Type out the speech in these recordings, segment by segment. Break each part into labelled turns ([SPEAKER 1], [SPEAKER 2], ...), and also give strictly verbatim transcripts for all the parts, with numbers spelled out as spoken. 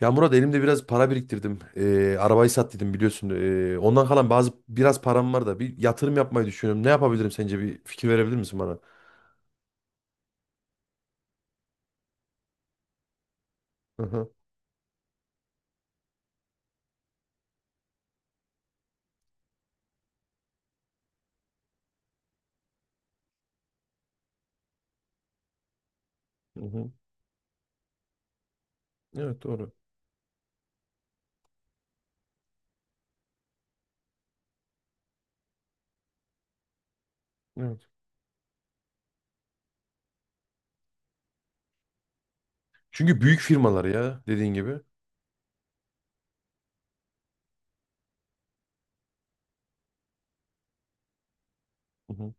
[SPEAKER 1] Ya Murat elimde biraz para biriktirdim. Ee, arabayı sat dedim biliyorsun. Ee, ondan kalan bazı biraz param var da bir yatırım yapmayı düşünüyorum. Ne yapabilirim sence, bir fikir verebilir misin bana? Hı hı. Hı hı. Evet, doğru. Evet. Çünkü büyük firmalar ya, dediğin gibi. Hı hı.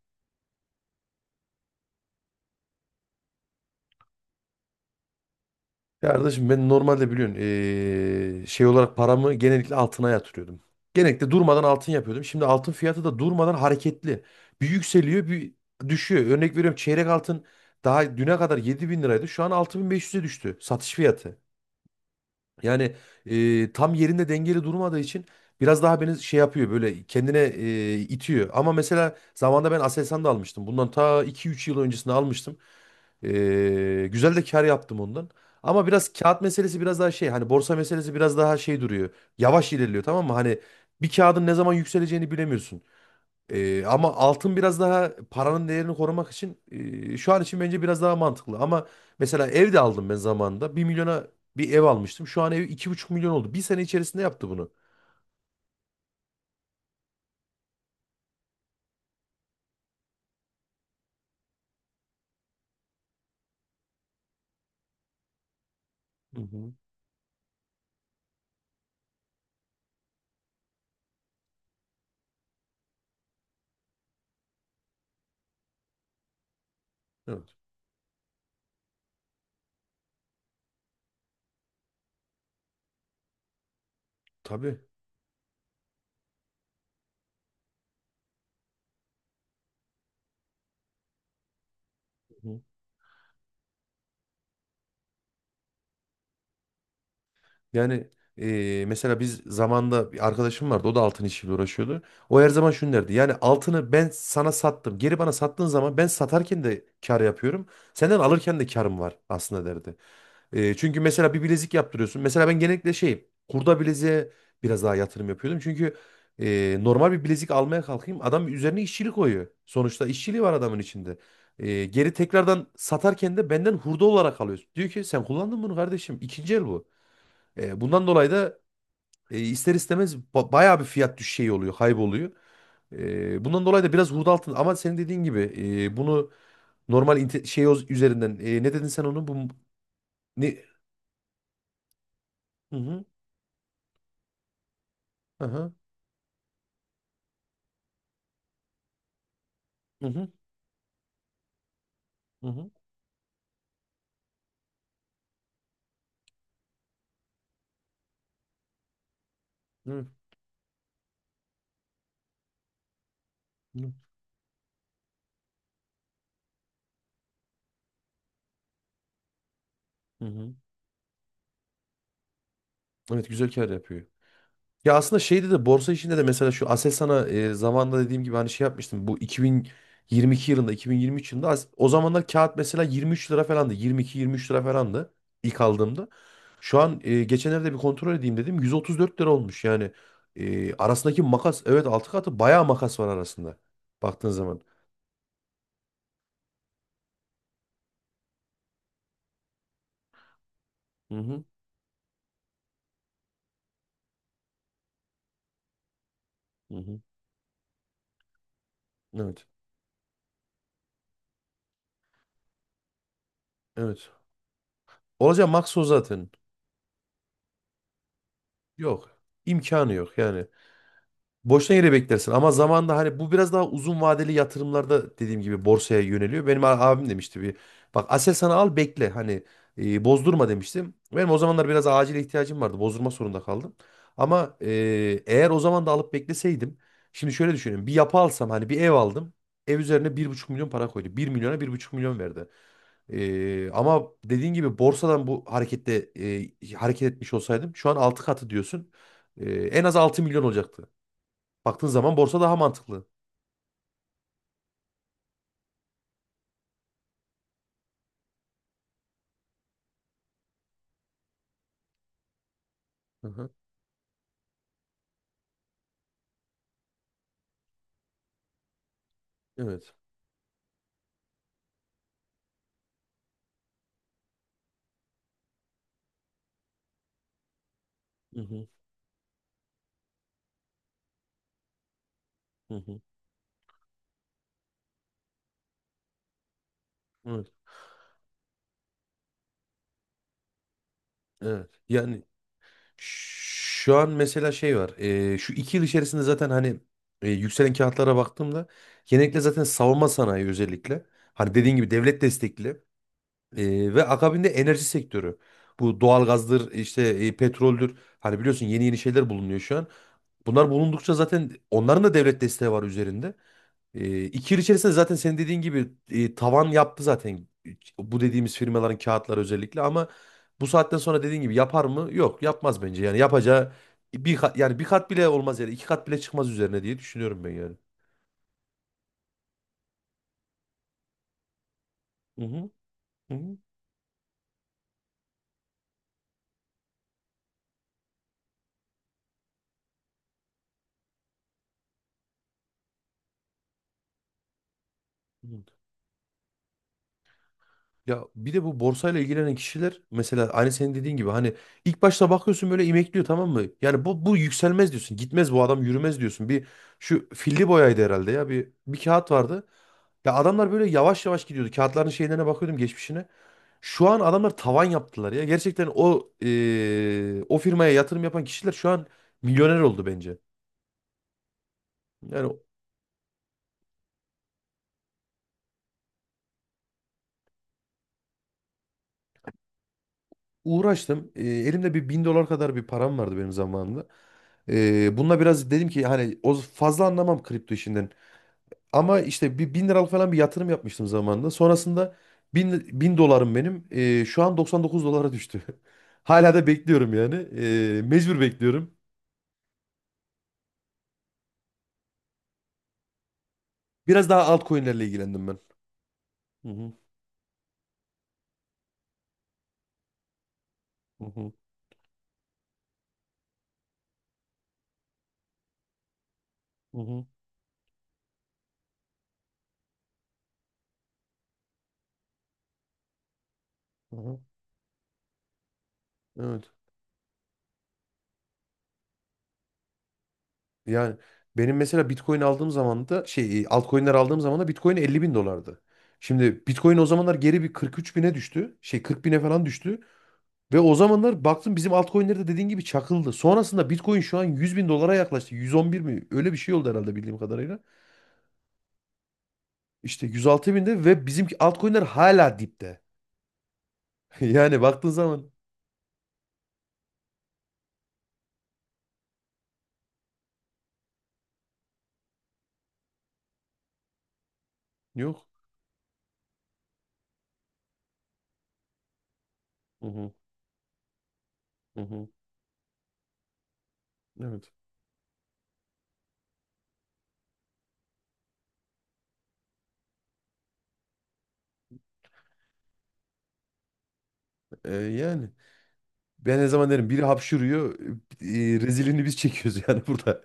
[SPEAKER 1] Ya kardeşim, ben normalde biliyorsun ee, şey olarak paramı genellikle altına yatırıyordum. Genellikle durmadan altın yapıyordum. Şimdi altın fiyatı da durmadan hareketli. Bir yükseliyor bir düşüyor. Örnek veriyorum, çeyrek altın daha düne kadar yedi bin liraydı. Şu an altı bin beş yüze düştü satış fiyatı. Yani e, tam yerinde dengeli durmadığı için biraz daha beni şey yapıyor, böyle kendine e, itiyor. Ama mesela zamanında ben Aselsan da almıştım. Bundan ta iki üç yıl öncesinde almıştım. E, güzel de kar yaptım ondan. Ama biraz kağıt meselesi, biraz daha şey hani, borsa meselesi biraz daha şey duruyor. Yavaş ilerliyor, tamam mı? Hani bir kağıdın ne zaman yükseleceğini bilemiyorsun. Ee, ama altın biraz daha paranın değerini korumak için e, şu an için bence biraz daha mantıklı. Ama mesela ev de aldım ben zamanında. Bir milyona bir ev almıştım. Şu an ev iki buçuk milyon oldu. Bir sene içerisinde yaptı bunu. Hı hı. Evet, tabii. Hı hı. Yani e, mesela biz zamanda bir arkadaşım vardı. O da altın işiyle uğraşıyordu. O her zaman şunu derdi. Yani altını ben sana sattım. Geri bana sattığın zaman ben satarken de kar yapıyorum. Senden alırken de karım var aslında, derdi. E, çünkü mesela bir bilezik yaptırıyorsun. Mesela ben genellikle şey, kurda bileziğe biraz daha yatırım yapıyordum. Çünkü e, normal bir bilezik almaya kalkayım adam üzerine işçilik koyuyor. Sonuçta işçiliği var adamın içinde. E, geri tekrardan satarken de benden hurda olarak alıyor. Diyor ki sen kullandın bunu kardeşim. İkinci el bu. E, bundan dolayı da e, ister istemez ba- bayağı bir fiyat düşüşü şey oluyor, kayboluyor. E, bundan dolayı da biraz hurda altın, ama senin dediğin gibi e, bunu normal inte- şey o- üzerinden e, ne dedin sen onu, bu ne, hı hı hı hı hı. Hı hı. Evet. Evet. Hı hı. Evet, güzel kar yapıyor. Ya aslında şeyde de borsa işinde de mesela şu Aselsan'a e, zamanında dediğim gibi hani şey yapmıştım. Bu iki bin yirmi iki yılında, iki bin yirmi üç yılında as- o zamanlar kağıt mesela yirmi üç lira falandı. yirmi iki yirmi üç lira falandı ilk aldığımda. Şu an e, geçenlerde bir kontrol edeyim dedim. yüz otuz dört lira olmuş yani. E, arasındaki makas, evet altı katı bayağı makas var arasında. Baktığın zaman. Hı hı. Hı hı. Evet. Evet. Olacak maks o zaten. Yok. İmkanı yok yani. Boşuna yere beklersin, ama zamanda hani bu biraz daha uzun vadeli yatırımlarda dediğim gibi borsaya yöneliyor. Benim a- abim demişti bir bak, Aselsan'ı al bekle hani e, bozdurma demiştim. Benim o zamanlar biraz acil ihtiyacım vardı, bozdurma zorunda kaldım. Ama e, eğer o zaman da alıp bekleseydim şimdi şöyle düşünüyorum, bir yapı alsam hani bir ev aldım, ev üzerine bir buçuk milyon para koydu, bir milyona bir buçuk milyon verdi. E, ama dediğin gibi borsadan bu harekette e, hareket etmiş olsaydım şu an altı katı diyorsun, E, en az altı milyon olacaktı. Baktığın zaman borsa daha mantıklı. Hı hı. Evet. Hı hı, hı hı. Evet. Evet. Yani şu an mesela şey var. Eee, şu iki yıl içerisinde zaten hani e, yükselen kağıtlara baktığımda genellikle zaten savunma sanayi özellikle. Hani dediğin gibi devlet destekli. Eee, ve akabinde enerji sektörü. Bu doğalgazdır işte, e, petroldür. Hani biliyorsun yeni yeni şeyler bulunuyor şu an. Bunlar bulundukça zaten onların da devlet desteği var üzerinde. E, iki yıl içerisinde zaten senin dediğin gibi e, tavan yaptı zaten bu dediğimiz firmaların kağıtları özellikle, ama bu saatten sonra dediğin gibi yapar mı? Yok, yapmaz bence. Yani yapacağı bir kat, yani bir kat bile olmaz, yani iki kat bile çıkmaz üzerine diye düşünüyorum ben yani. Hı hı. Hı hı. Hı. Ya bir de bu borsayla ilgilenen kişiler mesela, aynı senin dediğin gibi hani ilk başta bakıyorsun böyle imekliyor, tamam mı? Yani bu bu yükselmez diyorsun. Gitmez bu adam, yürümez diyorsun. Bir şu filli boyaydı herhalde ya, bir bir kağıt vardı. Ya adamlar böyle yavaş yavaş gidiyordu. Kağıtların şeylerine bakıyordum, geçmişine. Şu an adamlar tavan yaptılar ya. Gerçekten o eee, o firmaya yatırım yapan kişiler şu an milyoner oldu bence. Yani uğraştım. E, elimde bir bin dolar kadar bir param vardı benim zamanımda. E, bununla biraz dedim ki, hani o fazla anlamam kripto işinden. Ama işte bir bin liralık falan bir yatırım yapmıştım zamanında. Sonrasında bin, bin dolarım benim. E, şu an doksan dokuz dolara düştü. Hala da bekliyorum yani. E, mecbur bekliyorum. Biraz daha altcoin'lerle ilgilendim ben. Hı hı, hı hı, hı hı, hı hı. Evet. Yani benim mesela Bitcoin aldığım zaman da, şey e, altcoin'ler aldığım zaman da Bitcoin elli bin dolardı. Şimdi Bitcoin o zamanlar geri bir kırk üç bine düştü. Şey kırk bine falan düştü. Ve o zamanlar baktım bizim altcoin'ler de dediğin gibi çakıldı. Sonrasında Bitcoin şu an yüz bin dolara yaklaştı. yüz on bir mi? Öyle bir şey oldu herhalde bildiğim kadarıyla. İşte yüz altı binde ve bizimki altcoin'ler hala dipte. Yani baktığın zaman yok. Hı hı, hı hı. Evet. Ee, yani. Ben ne zaman derim biri hapşırıyor, e, rezilini biz çekiyoruz yani burada.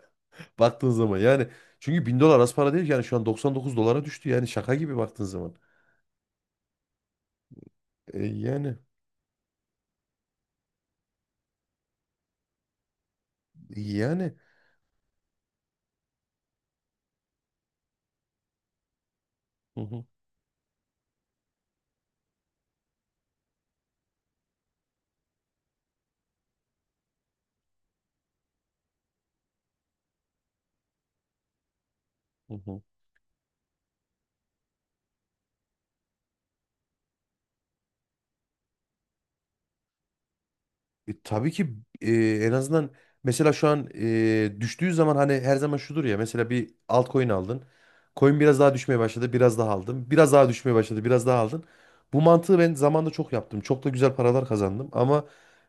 [SPEAKER 1] Baktığın zaman yani, çünkü bin dolar az para değil ki. Yani şu an doksan dokuz dolara düştü yani, şaka gibi baktığın zaman. E, yani yani. Hı hı, hı hı. E, tabii ki e, en azından mesela şu an e, düştüğü zaman, hani her zaman şudur ya, mesela bir altcoin aldın. Coin biraz daha düşmeye başladı, biraz daha aldın. Biraz daha düşmeye başladı, biraz daha aldın. Bu mantığı ben zamanında çok yaptım. Çok da güzel paralar kazandım, ama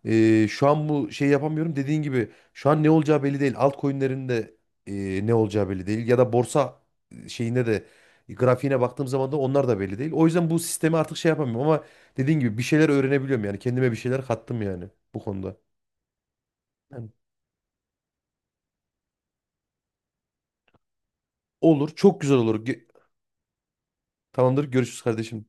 [SPEAKER 1] e, şu an bu şey yapamıyorum. Dediğin gibi şu an ne olacağı belli değil. Altcoin'lerin de e, ne olacağı belli değil ya da borsa e, şeyinde de grafiğine baktığım zaman da onlar da belli değil. O yüzden bu sistemi artık şey yapamıyorum, ama dediğin gibi bir şeyler öğrenebiliyorum yani. Kendime bir şeyler kattım yani bu konuda. Yani olur. Çok güzel olur. Ge- Tamamdır. Görüşürüz kardeşim.